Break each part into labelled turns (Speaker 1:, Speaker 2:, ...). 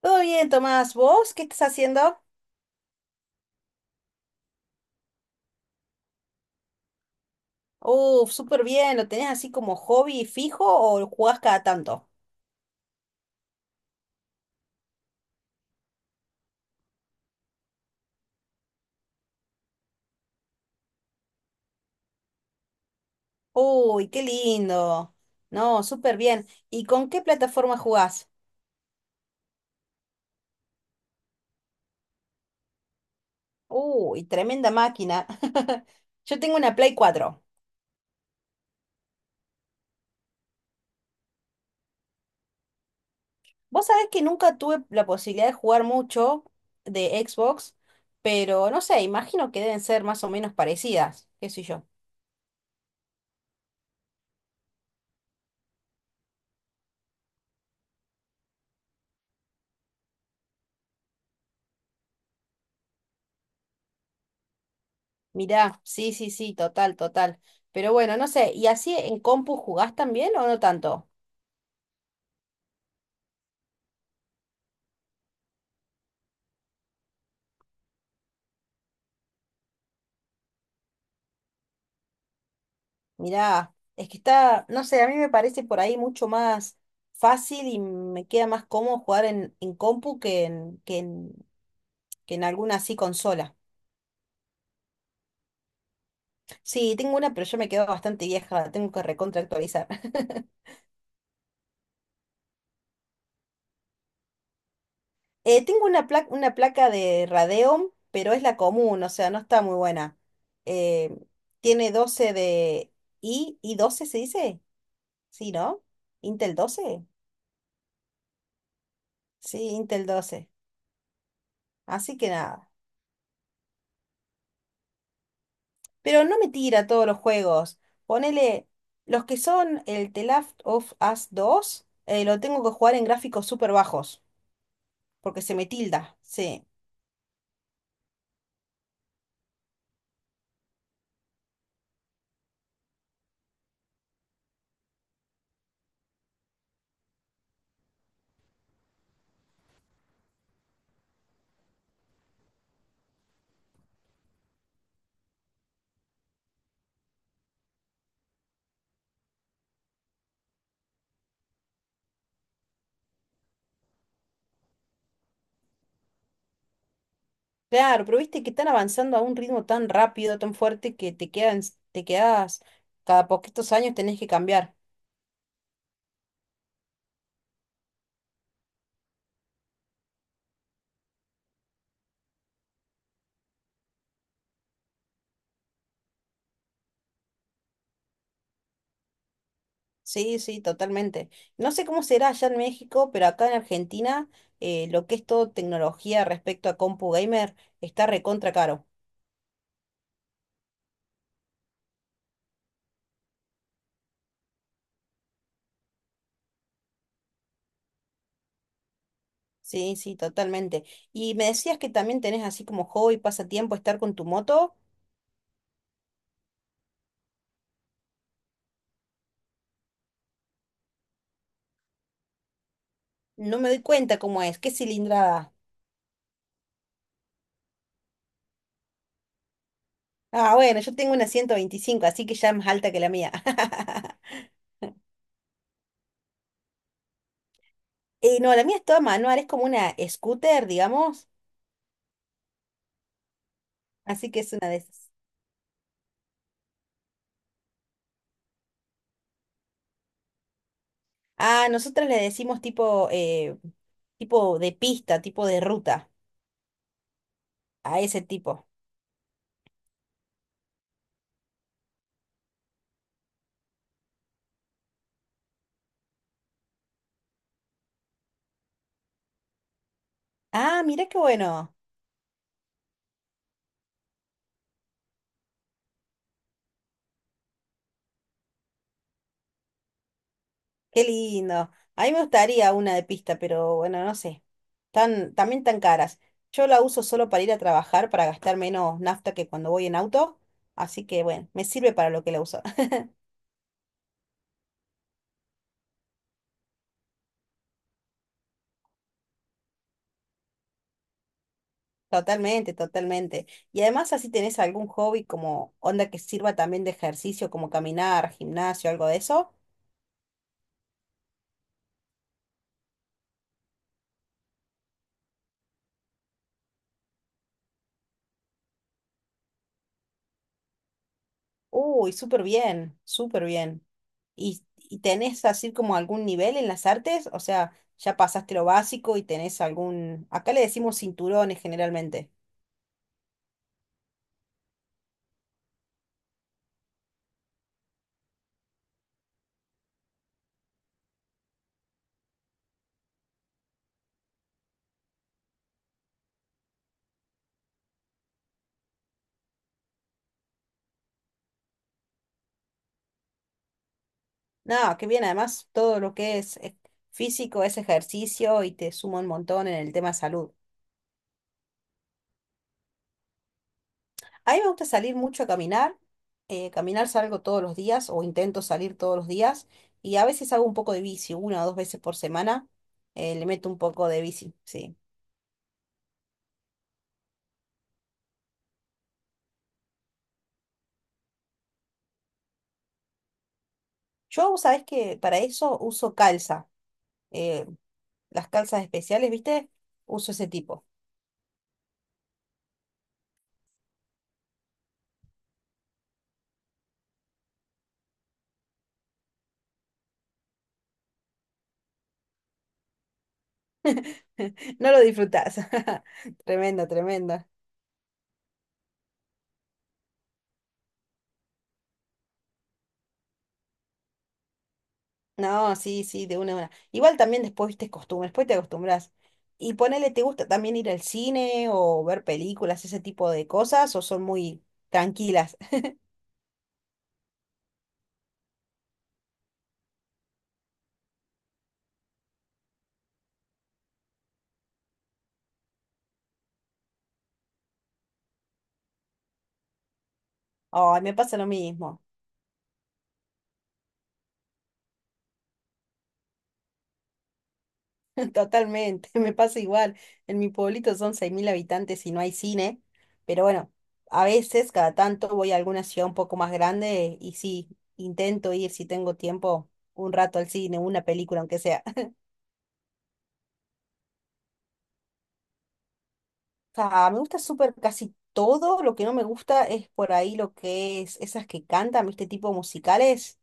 Speaker 1: Todo bien, Tomás. ¿Vos qué estás haciendo? Uf, súper bien. ¿Lo tenés así como hobby fijo o lo jugás cada tanto? Uy, qué lindo. No, súper bien. ¿Y con qué plataforma jugás? Uy, tremenda máquina. Yo tengo una Play 4. Vos sabés que nunca tuve la posibilidad de jugar mucho de Xbox, pero no sé, imagino que deben ser más o menos parecidas, qué sé yo. Mirá, sí, sí, sí, total, total. Pero bueno, no sé, ¿y así en compu jugás también o no tanto? Mirá, es que está, no sé, a mí me parece por ahí mucho más fácil y me queda más cómodo jugar en compu que en alguna así consola. Sí, tengo una, pero yo me quedo bastante vieja, la tengo que recontra actualizar. Tengo una placa de Radeon, pero es la común, o sea, no está muy buena. Eh, tiene 12 de y doce se dice? Sí, ¿no? Intel doce. Sí, Intel doce. Así que nada. Pero no me tira todos los juegos. Ponele los que son el The Last of Us dos, lo tengo que jugar en gráficos súper bajos, porque se me tilda. Sí. Claro, pero viste que están avanzando a un ritmo tan rápido, tan fuerte, que te quedas, cada poquitos años tenés que cambiar. Sí, sí, totalmente. No sé cómo será allá en México, pero acá en Argentina, lo que es todo tecnología respecto a compu gamer está recontra caro. Sí, sí, totalmente. Y me decías que también tenés así como hobby, pasatiempo, estar con tu moto. No me doy cuenta cómo es. ¿Qué cilindrada? Ah, bueno, yo tengo una 125, así que ya es más alta que la mía. No, la mía es toda manual, es como una scooter, digamos. Así que es una de esas. Ah, nosotros le decimos tipo, tipo de pista, tipo de ruta, a ese tipo. Ah, mira qué bueno, qué lindo. A mí me gustaría una de pista, pero bueno, no sé. También tan caras. Yo la uso solo para ir a trabajar, para gastar menos nafta que cuando voy en auto. Así que bueno, me sirve para lo que la uso. Totalmente, totalmente. Y además así tenés algún hobby como onda que sirva también de ejercicio, como caminar, gimnasio, algo de eso. Uy, súper bien, súper bien. ¿Y tenés así como algún nivel en las artes? O sea, ya pasaste lo básico y tenés algún... Acá le decimos cinturones generalmente. No, qué bien, además todo lo que es, físico es ejercicio y te suma un montón en el tema salud. A mí me gusta salir mucho a caminar. Caminar salgo todos los días o intento salir todos los días y a veces hago un poco de bici, una o dos veces por semana. Le meto un poco de bici, sí. Yo, sabes que para eso uso calza, eh, las calzas especiales, ¿viste? Uso ese tipo. No lo disfrutás. Tremendo, tremendo. No, sí, sí, de una a una. Igual también después, viste, costumbres, después te acostumbras. Y ponele, ¿te gusta también ir al cine o ver películas, ese tipo de cosas, o son muy tranquilas? Ay, me pasa lo mismo. Totalmente, me pasa igual. En mi pueblito son 6.000 habitantes y no hay cine, pero bueno, a veces, cada tanto, voy a alguna ciudad un poco más grande y sí, intento ir si tengo tiempo un rato al cine, una película, aunque sea. Ah, me gusta súper casi todo, lo que no me gusta es por ahí lo que es esas que cantan, ¿viste? Tipo musicales.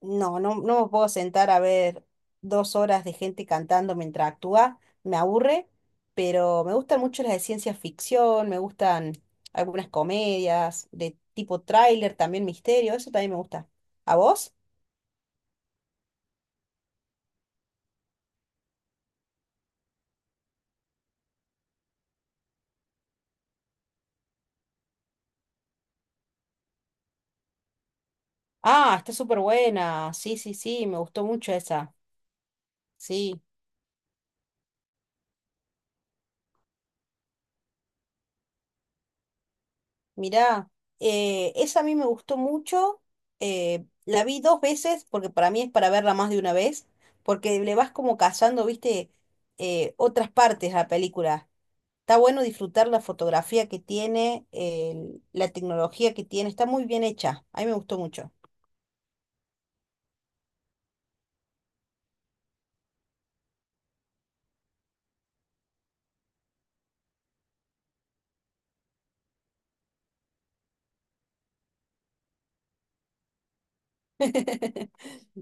Speaker 1: No, no, no me puedo sentar a ver dos horas de gente cantando mientras actúa, me aburre, pero me gustan mucho las de ciencia ficción, me gustan algunas comedias de tipo tráiler, también misterio, eso también me gusta. ¿A vos? Ah, está súper buena, sí, sí, sí, me gustó mucho esa, sí. Mirá, esa a mí me gustó mucho. La vi dos veces, porque para mí es para verla más de una vez, porque le vas como cazando, viste, otras partes a la película. Está bueno disfrutar la fotografía que tiene, la tecnología que tiene, está muy bien hecha. A mí me gustó mucho.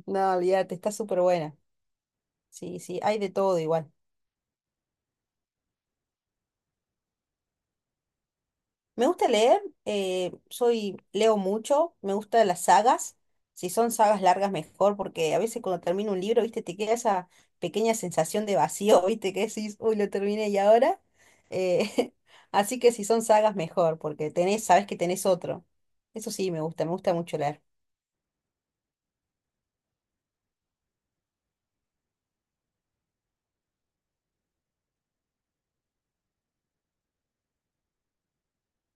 Speaker 1: No, olvídate, está súper buena. Sí, sí, hay de todo igual. Me gusta leer, soy, leo mucho, me gustan las sagas. Si son sagas largas, mejor, porque a veces cuando termino un libro, viste, te queda esa pequeña sensación de vacío, viste, que decís, uy, lo terminé y ahora. Eh, Así que si son sagas, mejor, porque tenés, sabés que tenés otro. Eso sí, me gusta mucho leer.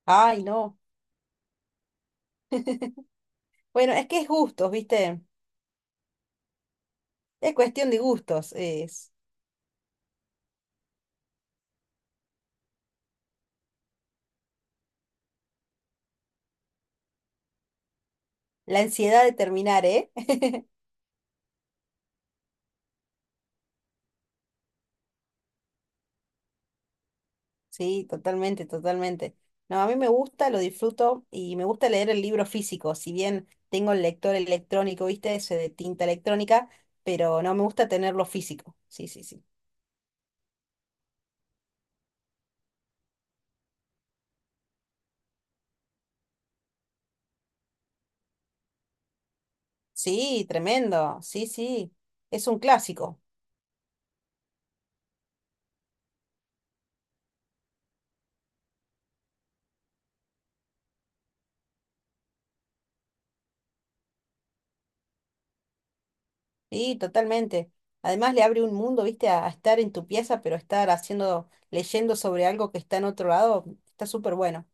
Speaker 1: Ay, no. Bueno, es que es gustos, viste. Es cuestión de gustos. Es la ansiedad de terminar, ¿eh? Sí, totalmente, totalmente. No, a mí me gusta, lo disfruto y me gusta leer el libro físico, si bien tengo el lector electrónico, ¿viste? Ese de tinta electrónica, pero no me gusta tenerlo físico. Sí, sí, sí. Sí, tremendo. Sí, sí. Es un clásico. Sí, totalmente. Además le abre un mundo, ¿viste? A estar en tu pieza, pero estar haciendo, leyendo sobre algo que está en otro lado, está súper bueno.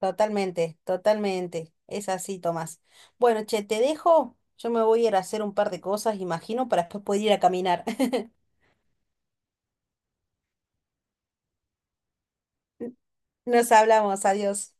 Speaker 1: Totalmente, totalmente. Es así, Tomás. Bueno, che, te dejo. Yo me voy a ir a hacer un par de cosas, imagino, para después poder ir a caminar. Nos hablamos, adiós.